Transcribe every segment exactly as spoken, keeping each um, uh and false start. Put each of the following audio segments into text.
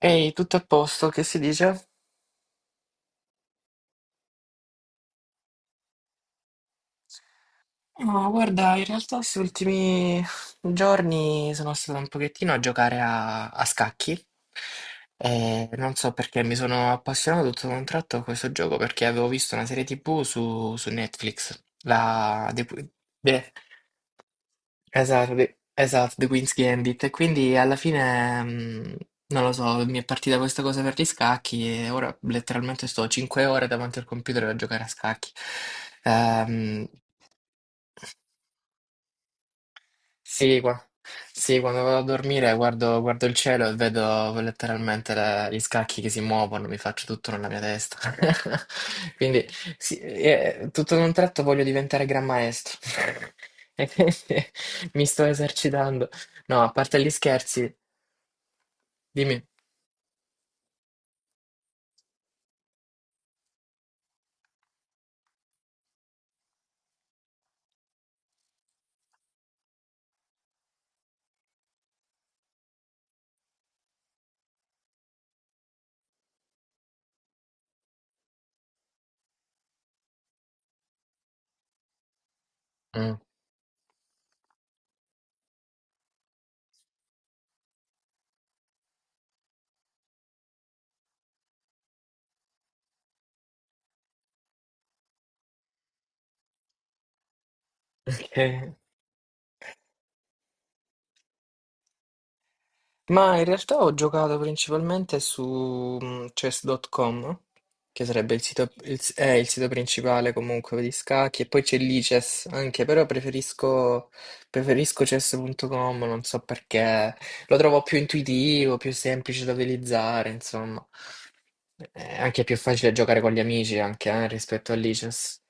Ehi, tutto a posto, che si dice? No, guarda, in realtà questi ultimi giorni sono stato un pochettino a giocare a, a scacchi e non so perché mi sono appassionato tutto da un tratto a questo gioco perché avevo visto una serie ti vù su, su Netflix, la The, Qu- The- Esatto, The, esatto, The Queen's Gambit. E quindi alla fine, mm, non lo so, mi è partita questa cosa per gli scacchi e ora letteralmente sto cinque ore davanti al computer a giocare a scacchi. Ehm, sì, qua- sì, quando vado a dormire guardo, guardo il cielo e vedo letteralmente le- gli scacchi che si muovono, mi faccio tutto nella mia testa. Quindi sì, eh, tutto in un tratto voglio diventare gran maestro. E quindi mi sto esercitando. No, a parte gli scherzi. Dimmi. Ah, ok. Ma in realtà ho giocato principalmente su mm, chess punto com, che sarebbe il sito, il s- è il sito principale comunque di scacchi, e poi c'è l'I C E S anche, però preferisco, preferisco chess punto com, non so perché, lo trovo più intuitivo, più semplice da utilizzare, insomma, è anche più facile giocare con gli amici anche eh, rispetto all'I C E S.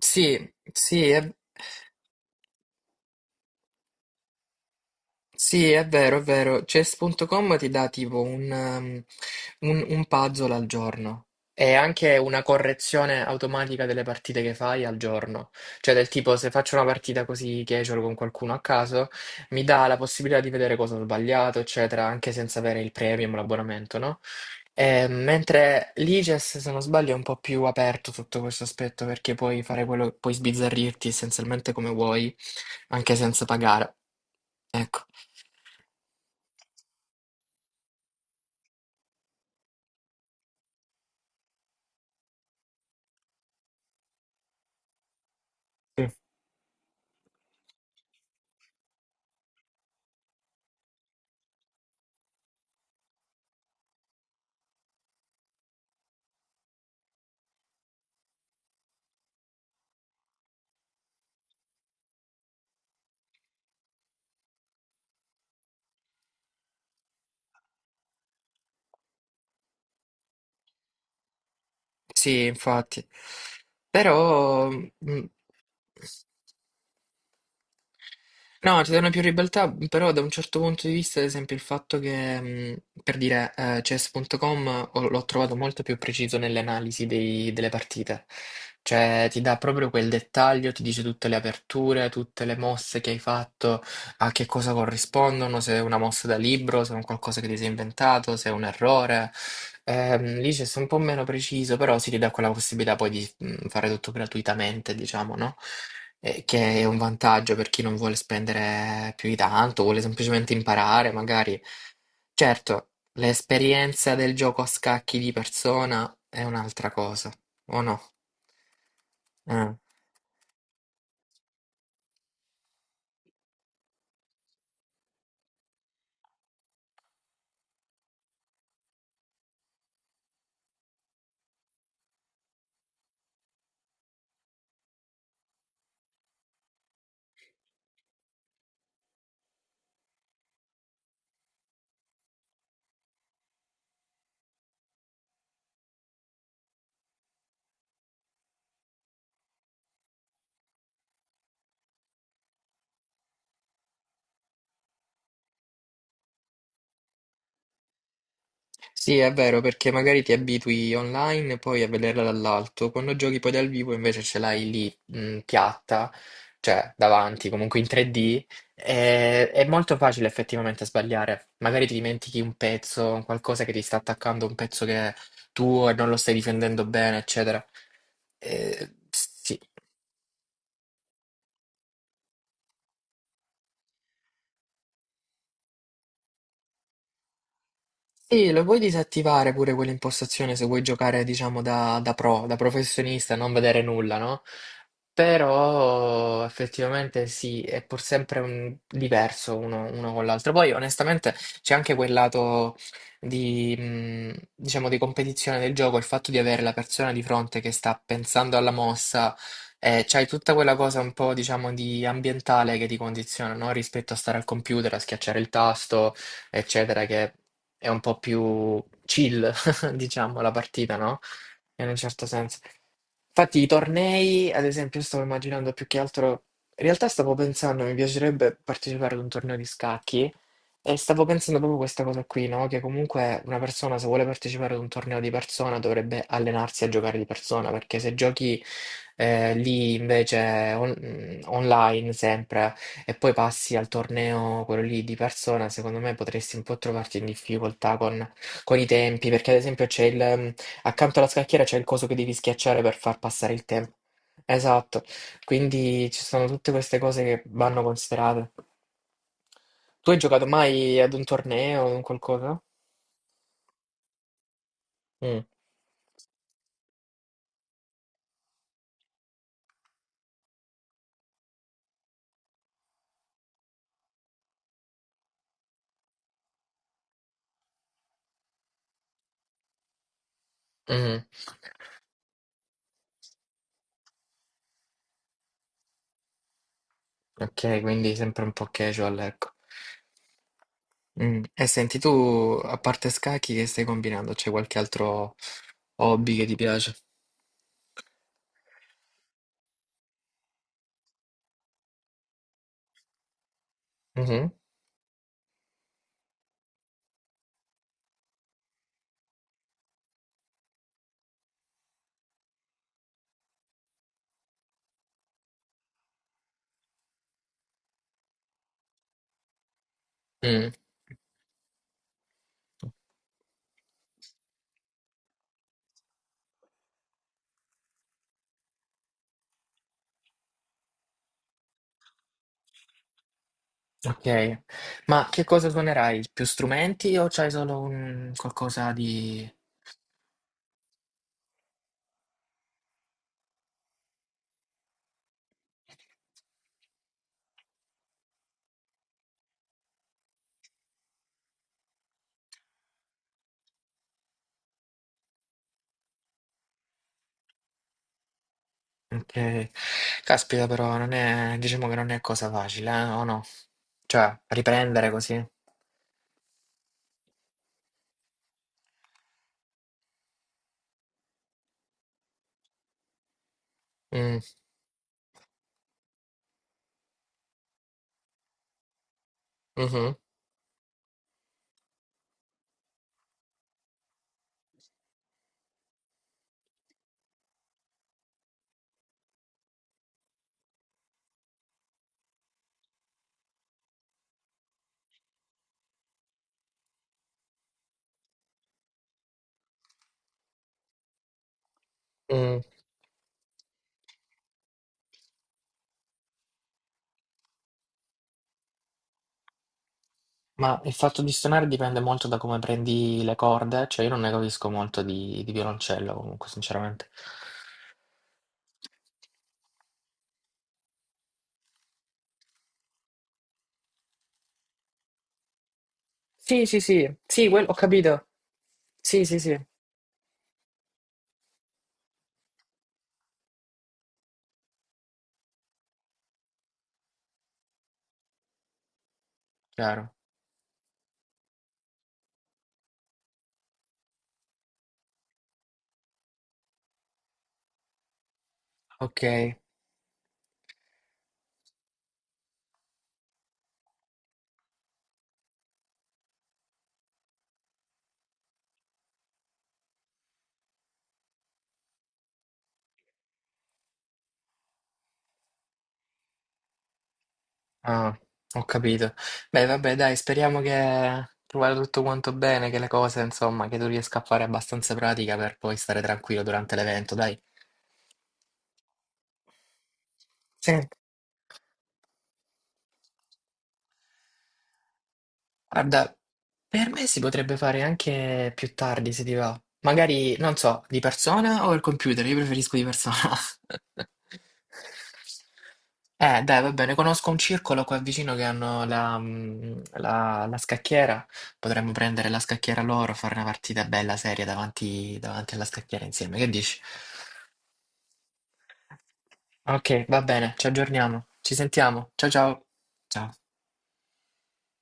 Sì, sì, è... Sì, è vero, è vero. chess punto com ti dà tipo un, um, un- un puzzle al giorno e anche una correzione automatica delle partite che fai al giorno. Cioè, del tipo, se faccio una partita così casual con qualcuno a caso, mi dà la possibilità di vedere cosa ho sbagliato, eccetera, anche senza avere il premium, l'abbonamento, no? Eh, mentre l'I G E S, se non sbaglio, è un po' più aperto sotto questo aspetto perché puoi fare quello, puoi sbizzarrirti essenzialmente come vuoi anche senza pagare. Ecco, sì, infatti. Però, mh, no, ci sono più ribeltà, però da un certo punto di vista, ad esempio, il fatto che, mh, per dire, eh, chess punto com ho- l'ho trovato molto più preciso nell'analisi dei- delle partite. Cioè, ti dà proprio quel dettaglio, ti dice tutte le aperture, tutte le mosse che hai fatto, a che cosa corrispondono, se è una mossa da libro, se è un qualcosa che ti sei inventato, se è un errore. Ehm, lì c'è sei un po' meno preciso, però si ridà quella possibilità poi di mm, fare tutto gratuitamente, diciamo, no? Eh, che è un vantaggio per chi non vuole spendere più di tanto, vuole semplicemente imparare, magari. Certo, l'esperienza del gioco a scacchi di persona è un'altra cosa, o no? Eh. Sì, è vero, perché magari ti abitui online poi a vederla dall'alto, quando giochi poi dal vivo invece ce l'hai lì, mh, piatta, cioè davanti, comunque in tre D, e- è molto facile effettivamente sbagliare. Magari ti dimentichi un pezzo, un qualcosa che ti sta attaccando, un pezzo che è tuo e non lo stai difendendo bene, eccetera. Eh, sì. Sì, lo puoi disattivare pure quell'impostazione se vuoi giocare, diciamo, da, da pro, da professionista, non vedere nulla, no? Però effettivamente sì, è pur sempre un- diverso uno, uno con l'altro. Poi onestamente c'è anche quel lato di, mh, diciamo, di competizione del gioco, il fatto di avere la persona di fronte che sta pensando alla mossa, eh, c'hai tutta quella cosa un po', diciamo, di ambientale che ti condiziona, no? Rispetto a stare al computer, a schiacciare il tasto eccetera, che è un po' più chill, diciamo, la partita, no? In un certo senso. Infatti, i tornei, ad esempio, io stavo immaginando più che altro. In realtà stavo pensando, mi piacerebbe partecipare ad un torneo di scacchi e stavo pensando proprio questa cosa qui, no? Che comunque una persona, se vuole partecipare ad un torneo di persona, dovrebbe allenarsi a giocare di persona, perché se giochi eh, lì invece on- mm, online sempre e poi passi al torneo, quello lì di persona, secondo me potresti un po' trovarti in difficoltà con, con i tempi, perché ad esempio c'è il, ehm, accanto alla scacchiera c'è il coso che devi schiacciare per far passare il tempo. Esatto, quindi ci sono tutte queste cose che vanno considerate. Tu hai giocato mai ad un torneo o un qualcosa? Mm. Mm. Ok, quindi sempre un po' casual, ecco. Mm. E senti, tu a parte scacchi che stai combinando? C'è qualche altro hobby che ti piace? Mhm. Mm. Ok, ma che cosa suonerai? Più strumenti o c'hai solo un qualcosa di... Ok, caspita però, non è... diciamo che non è cosa facile, eh? O no? Cioè, riprendere così. Mm, mhm, mm. Ma il fatto di suonare dipende molto da come prendi le corde, cioè io non ne capisco molto di, di violoncello comunque, sinceramente. Sì, sì, sì, sì, quel- ho capito. Sì, sì, sì. Chiaro. Ok. Ah, ho capito. Beh, vabbè, dai, speriamo che tu vada tutto quanto bene, che le cose, insomma, che tu riesca a fare abbastanza pratica per poi stare tranquillo durante l'evento, dai. Sì. Guarda, per me si potrebbe fare anche più tardi se ti va. Magari, non so, di persona o il computer? Io preferisco di persona. Eh, dai, va bene, conosco un circolo qua vicino che hanno la, mm, la- la scacchiera. Potremmo prendere la scacchiera loro, fare una partita bella seria davanti, davanti alla scacchiera insieme. Che dici? Ok, va bene, ci aggiorniamo. Ci sentiamo. Ciao ciao. Ciao.